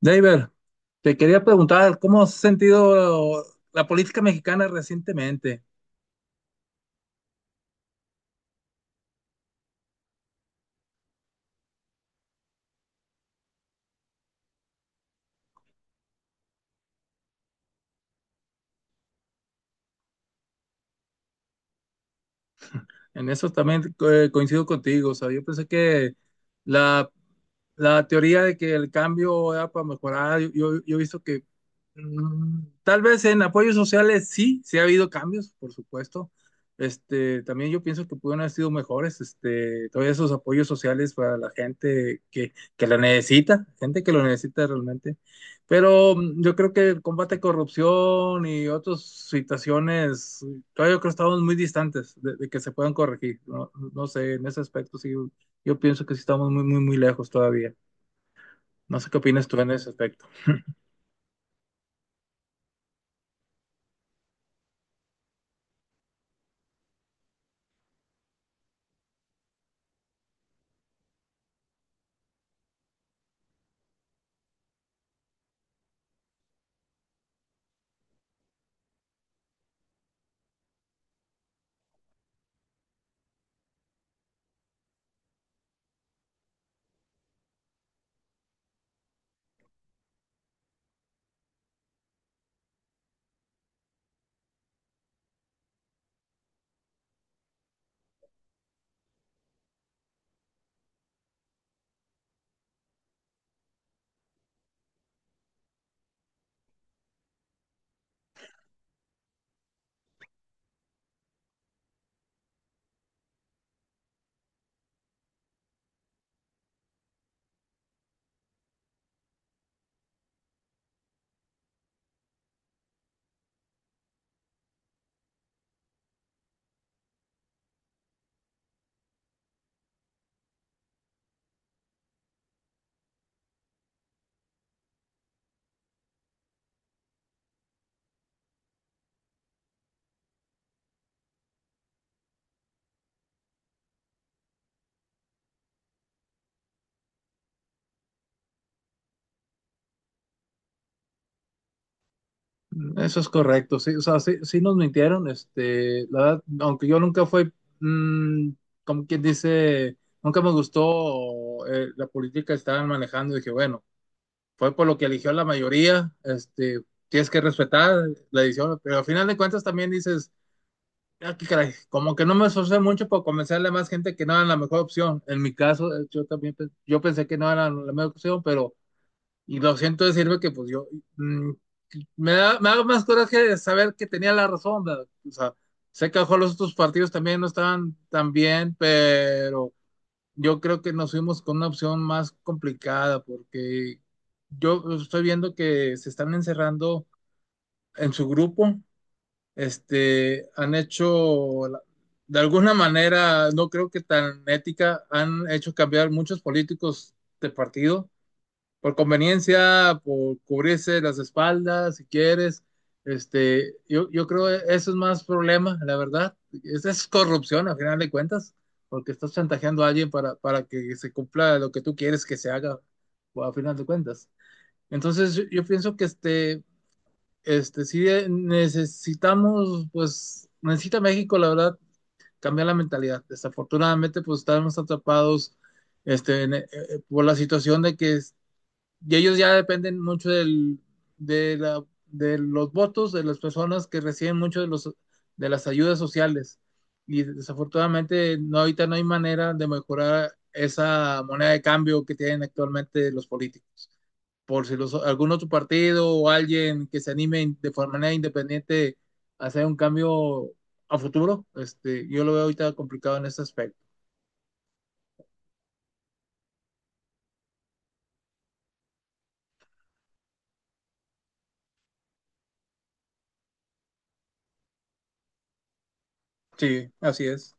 David, te quería preguntar, ¿cómo has sentido la política mexicana recientemente? En eso también coincido contigo. O sea, yo pensé que la la teoría de que el cambio era para mejorar, yo he visto que tal vez en apoyos sociales sí, sí ha habido cambios, por supuesto. Este, también yo pienso que pudieron haber sido mejores, este, todos esos apoyos sociales para la gente que la necesita, gente que lo necesita realmente. Pero yo creo que el combate a corrupción y otras situaciones, todavía yo creo que estamos muy distantes de que se puedan corregir. No, no sé, en ese aspecto sí, yo pienso que sí estamos muy, muy, muy lejos todavía. No sé qué opinas tú en ese aspecto. Eso es correcto, sí, o sea, sí, sí nos mintieron, este, la verdad, aunque yo nunca fui, mm, como quien dice, nunca me gustó la política que estaban manejando, dije, bueno, fue por lo que eligió la mayoría, este, tienes que respetar la decisión, pero al final de cuentas también dices, ah, qué caray, como que no me esforcé mucho por convencerle a más gente que no era la mejor opción, en mi caso, yo también, yo pensé que no era la mejor opción, pero, y lo siento decirme que pues yo, mm, me da, me da más coraje de saber que tenía la razón, ¿verdad? O sea, sé que a lo mejor los otros partidos también no estaban tan bien, pero yo creo que nos fuimos con una opción más complicada porque yo estoy viendo que se están encerrando en su grupo, este, han hecho, de alguna manera, no creo que tan ética, han hecho cambiar muchos políticos de partido por conveniencia, por cubrirse las espaldas, si quieres. Este, yo creo que eso es más problema, la verdad. Esa es corrupción, al final de cuentas, porque estás chantajeando a alguien para que se cumpla lo que tú quieres que se haga, o a final de cuentas. Entonces, yo pienso que este, sí necesitamos, pues, necesita México, la verdad, cambiar la mentalidad. Desafortunadamente, pues, estamos atrapados este, por la situación de que y ellos ya dependen mucho de los votos de las personas que reciben mucho de las ayudas sociales. Y desafortunadamente no, ahorita no hay manera de mejorar esa moneda de cambio que tienen actualmente los políticos. Por si los, algún otro partido o alguien que se anime de manera independiente a hacer un cambio a futuro, este, yo lo veo ahorita complicado en ese aspecto. Sí, así es.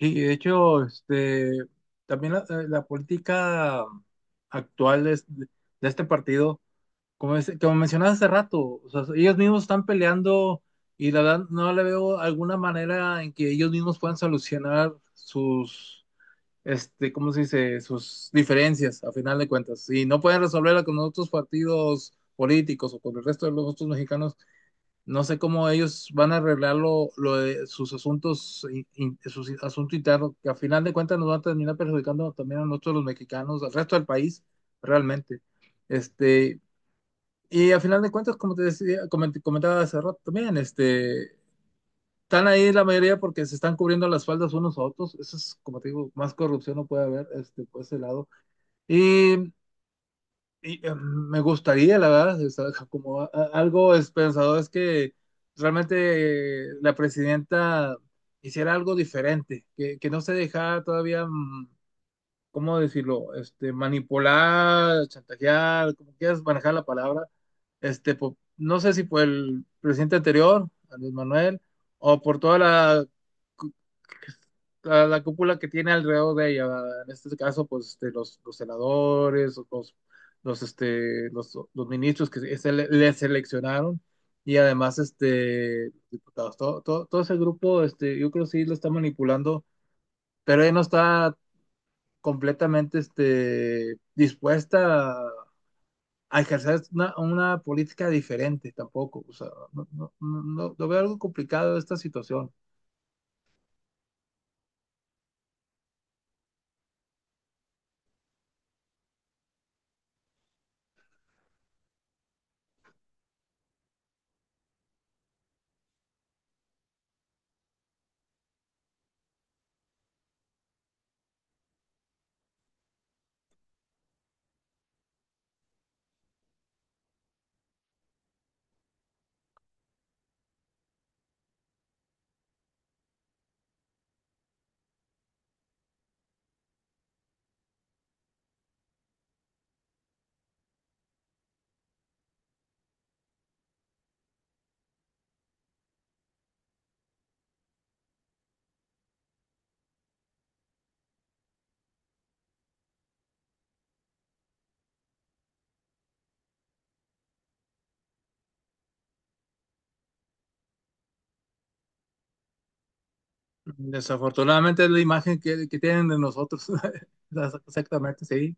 Sí, de hecho, este, también la política actual de este partido, como, como mencionabas hace rato, o sea, ellos mismos están peleando y la verdad no le veo alguna manera en que ellos mismos puedan solucionar sus, este, ¿cómo se dice? Sus diferencias, a final de cuentas. Y no pueden resolverla con otros partidos políticos o con el resto de los otros mexicanos no sé cómo ellos van a arreglar lo de sus asuntos, sus asuntos internos, que a final de cuentas nos van a terminar perjudicando también a nosotros los mexicanos, al resto del país, realmente. Este, y a final de cuentas, como te decía, comentaba hace rato también, este, están ahí la mayoría porque se están cubriendo las faldas unos a otros. Eso es, como te digo, más corrupción no puede haber, este, por ese lado. Y y, me gustaría, la verdad, o sea, como algo esperanzador es que realmente la presidenta hiciera algo diferente, que no se dejara todavía, ¿cómo decirlo? Este, manipular, chantajear, como quieras manejar la palabra. Este, no sé si por el presidente anterior, Andrés Manuel, o por toda la, la cúpula que tiene alrededor de ella, ¿verdad? En este caso, pues este, los senadores, los ministros que le seleccionaron y además este, diputados, todo, todo, todo ese grupo, este, yo creo que sí lo está manipulando, pero ella no está completamente este, dispuesta a ejercer una política diferente tampoco. O sea, no, no, no, lo veo algo complicado esta situación. Desafortunadamente es la imagen que tienen de nosotros. Exactamente, sí.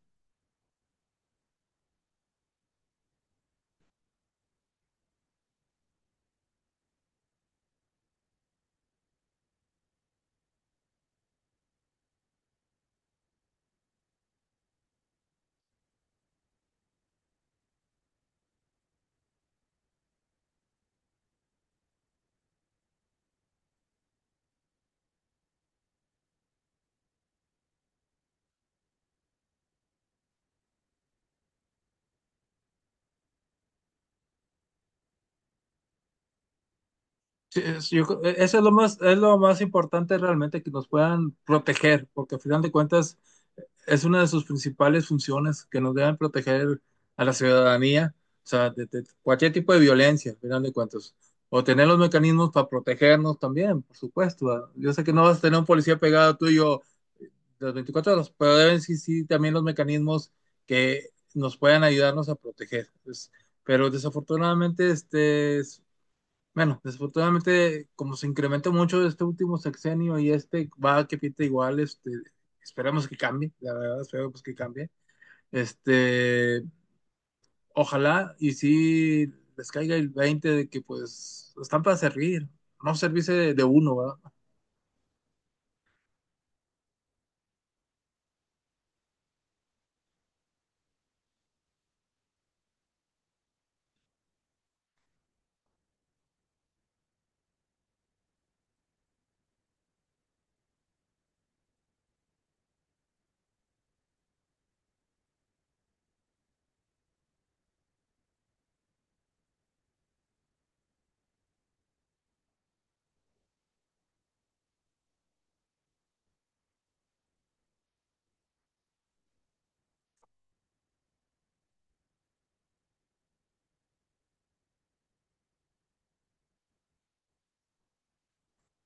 Sí, yo creo, eso es lo más importante realmente que nos puedan proteger, porque al final de cuentas es una de sus principales funciones que nos deben proteger a la ciudadanía, o sea, de cualquier tipo de violencia, al final de cuentas, o tener los mecanismos para protegernos también, por supuesto, ¿verdad? Yo sé que no vas a tener un policía pegado tuyo las 24 horas, pero deben sí, sí, también los mecanismos que nos puedan ayudarnos a proteger, pues. Pero desafortunadamente, este, bueno, desafortunadamente, como se incrementó mucho este último sexenio y este va que pinta igual, este, esperemos que cambie, la verdad, esperemos que cambie. Este, ojalá y si les caiga el 20 de que pues están para servir, no servirse de uno, ¿verdad?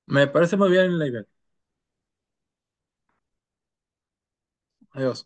Me parece muy bien la idea. Adiós.